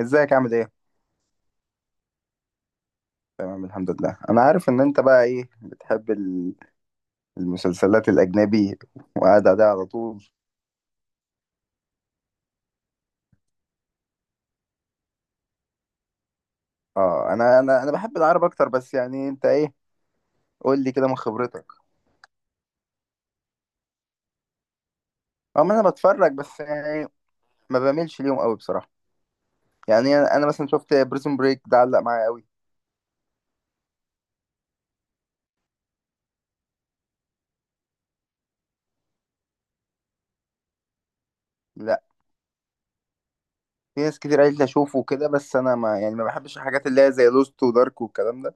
ازيك عامل ايه؟ تمام الحمد لله. انا عارف ان انت بقى ايه بتحب المسلسلات الاجنبي وقاعد عليها على طول. اه انا بحب العرب اكتر، بس يعني انت ايه؟ قول لي كده من خبرتك. اه، ما انا بتفرج بس يعني ما بعملش ليهم قوي بصراحة. يعني انا مثلا شفت بريزون بريك ده علق معايا قوي. لا، في ناس كتير قالت لي اشوفه كده، بس انا ما يعني ما بحبش الحاجات اللي هي زي لوست ودارك والكلام ده.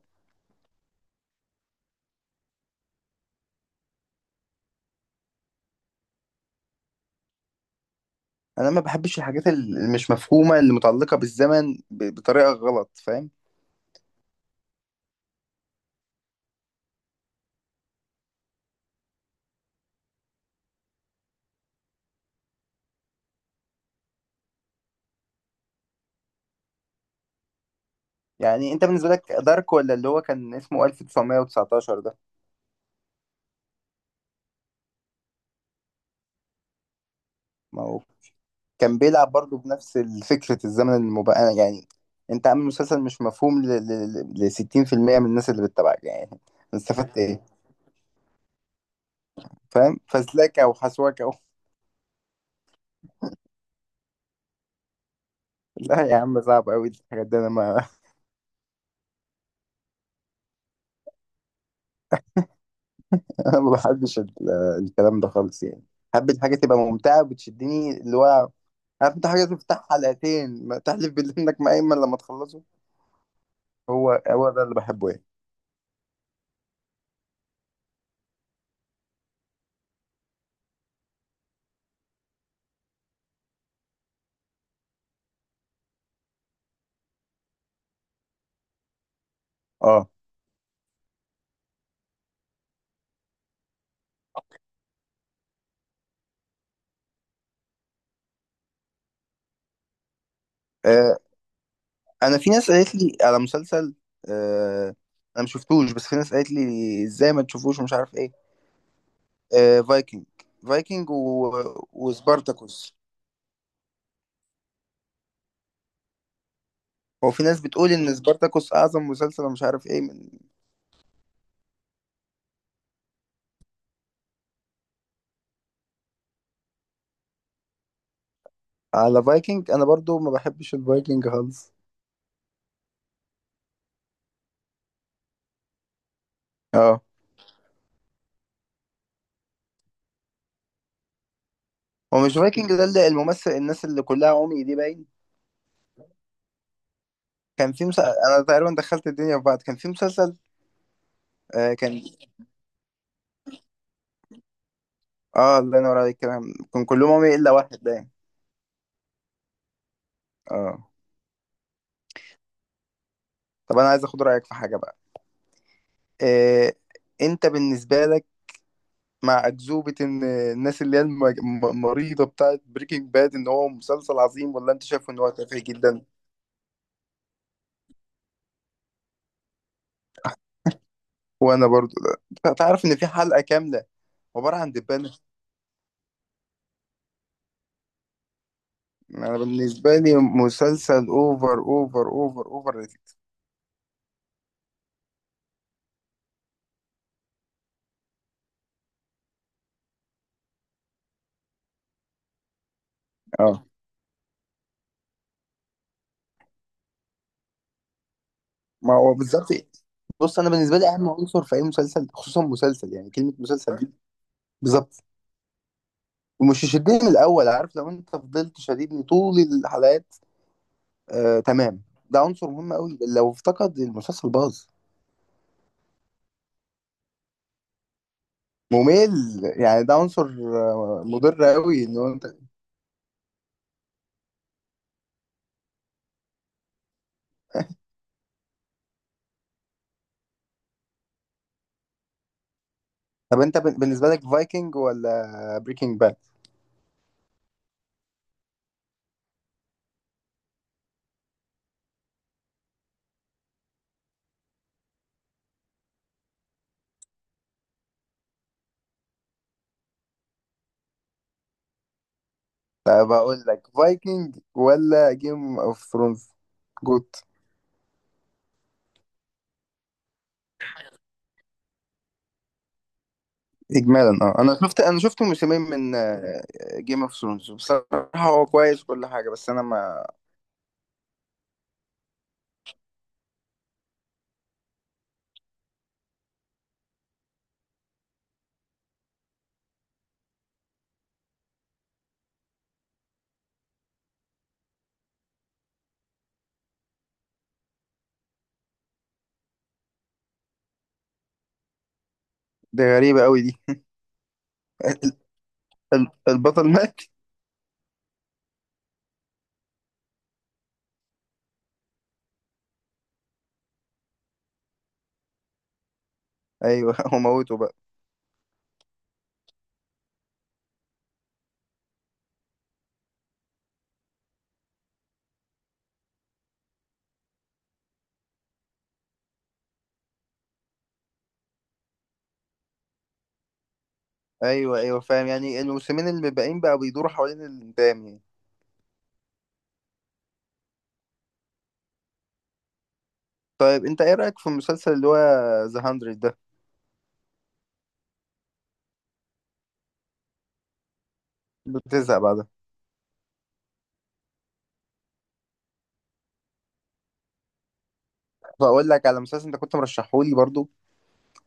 انا ما بحبش الحاجات اللي مش مفهومة، اللي متعلقة بالزمن بطريقة غلط فاهم. يعني انت بالنسبه لك دارك ولا اللي هو كان اسمه 1919 ده؟ ما هو كان بيلعب برضه بنفس فكره الزمن المبقى، يعني انت عامل مسلسل مش مفهوم ل 60% من الناس اللي بتتابعك يعني. استفدت ايه؟ فاهم، فسلاكه وحسواكه و... لا يا عم، صعب قوي الحاجات دي، انا ما انا ما بحبش الكلام ده خالص يعني. حابب الحاجه تبقى ممتعه وبتشدني، اللي هو عارف انت حاجه تفتح حلقتين ما تحلف بالله انك مقيمن لما تخلصه. هو هو ده اللي بحبه يعني. اه، آه، انا في ناس قالت لي على مسلسل. آه انا مش شفتوش، بس في ناس قالت لي ازاي ما تشوفوش ومش عارف ايه. فايكنج. فايكنج و... وسبارتاكوس. هو في ناس بتقول ان سبارتاكوس اعظم مسلسل ومش عارف ايه من... على فايكنج انا برضو ما بحبش الفايكنج خالص. اه، هو مش فايكنج ده اللي الممثل الناس اللي كلها عمي دي باين؟ كان في مسلسل، انا تقريبا دخلت الدنيا في بعض، كان في مسلسل. كان. اه، الله ينور عليك، كان كلهم عمي الا واحد باين. اه. طب انا عايز اخد رايك في حاجه بقى. آه، انت بالنسبه لك مع اكذوبه ان الناس اللي هي مريضه بتاعت بريكنج باد ان هو مسلسل عظيم، ولا انت شايف ان هو تافه جدا؟ وانا برضو. لا. تعرف ان في حلقه كامله عباره عن دبانه. انا بالنسبه لي مسلسل اوفر اوفر اوفر اوفر ريتد. اه، ما هو بالظبط. بص انا بالنسبه لي اهم عنصر في اي مسلسل، خصوصا مسلسل، يعني كلمه مسلسل دي. بالظبط. ومش يشدني من الاول، عارف، لو انت فضلت شديدني طول الحلقات، آه، تمام. ده عنصر مهم قوي، لو افتقد المسلسل باظ. ممل يعني، ده عنصر مضر قوي، ان هو انت. طب انت بالنسبه لك فايكنج ولا بريكنج باد؟ طب اقول لك، فايكنج ولا جيم اوف ثرونز؟ جوت. اجمالا، اه، انا شفت موسمين من جيم اوف ثرونز. بصراحه هو كويس كل حاجه، بس انا ما... دي غريبه قوي دي. ال- البطل مات. ايوه هو موته بقى. ايوه، ايوه، فاهم، يعني الموسمين اللي باقيين بقى بيدوروا حوالين الانتقام يعني. طيب انت ايه رايك في المسلسل اللي هو ذا 100 ده؟ بتزهق بعدها. فاقول لك على مسلسل انت كنت مرشحه لي برضو.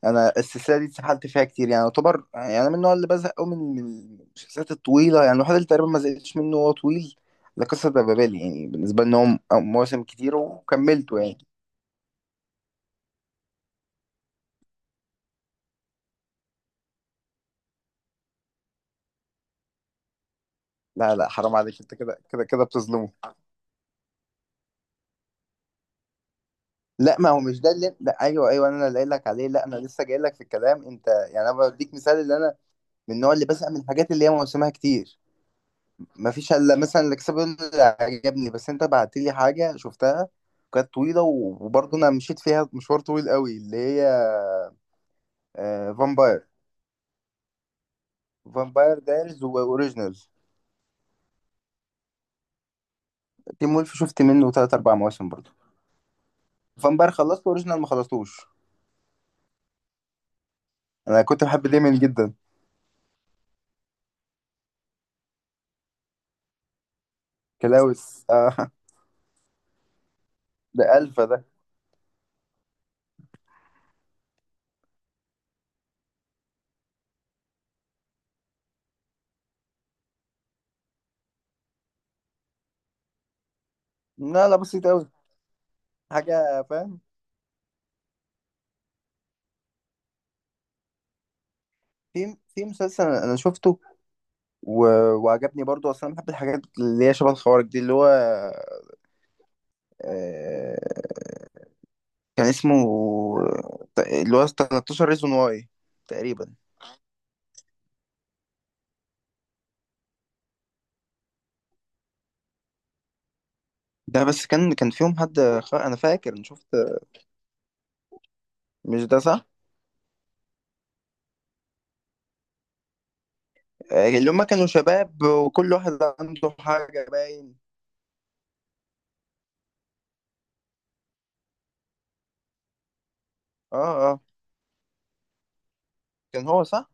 انا السلسله دي اتسحلت فيها كتير، يعني يعتبر، يعني انا من النوع اللي بزهق قوي من المسلسلات الطويله، يعني الوحيد اللي تقريبا ما زهقتش منه هو طويل. لا، قصه بابل، يعني بالنسبه لي ان هو مواسم كتير وكملته يعني. لا، لا، حرام عليك، انت كده كده كده بتظلمه. لا، ما هو مش ده اللي، لا ايوه ايوه، انا اللي قايل لك عليه. لا انا لسه جاي لك في الكلام، انت يعني انا بديك مثال، اللي انا من النوع اللي بزهق من الحاجات اللي هي موسمها كتير. ما فيش الا مثلا الاكسبل اللي عجبني، بس انت بعت لي حاجه شفتها كانت طويله وبرضه انا مشيت فيها مشوار طويل قوي، اللي هي فامباير. فامباير دايرز واوريجينال، تيم وولف شفت منه تلات اربع مواسم برضه. فامباير خلصت واوريجينال ما خلصتوش. انا كنت بحب ديمن جدا. كلاوس، آه. ده الفا ده. لا، لا، بسيط قوي. حاجه فاهم. في مسلسل انا شفته و... وعجبني برضو، اصلا أنا بحب الحاجات اللي هي شبه الخوارج دي، اللي هو آه... كان اسمه، اللي هو 13 ريزون واي تقريبا. ده بس كان فيهم حد انا فاكر انا شفت. مش ده صح؟ اللي هما كانوا شباب وكل واحد عنده حاجة باين. اه، اه، كان هو صح.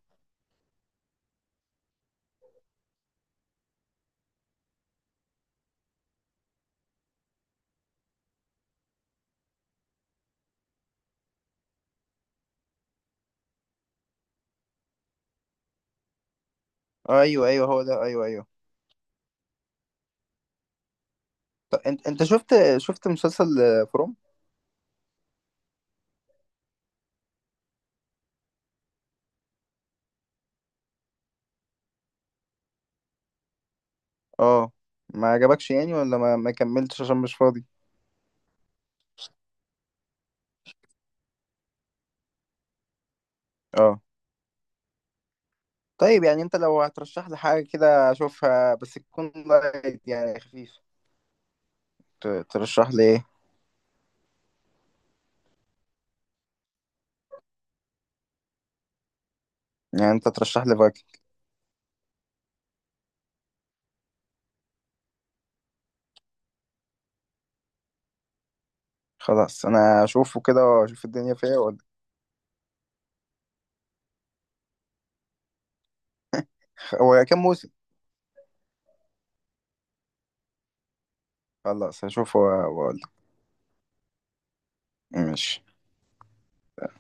آه، ايوه، ايوه، هو ده، ايوه، ايوه. طب انت شفت مسلسل فروم. اه، ما عجبكش يعني، ولا ما كملتش عشان مش فاضي. اه. طيب، يعني انت لو هترشح لي حاجة كده اشوفها، بس تكون لايت يعني خفيف، ترشح لي ايه؟ يعني انت ترشح لي فايكنج. خلاص انا اشوفه كده واشوف الدنيا فيها وأقول- هو كام موسم؟ خلاص هشوفه واقول لك. ماشي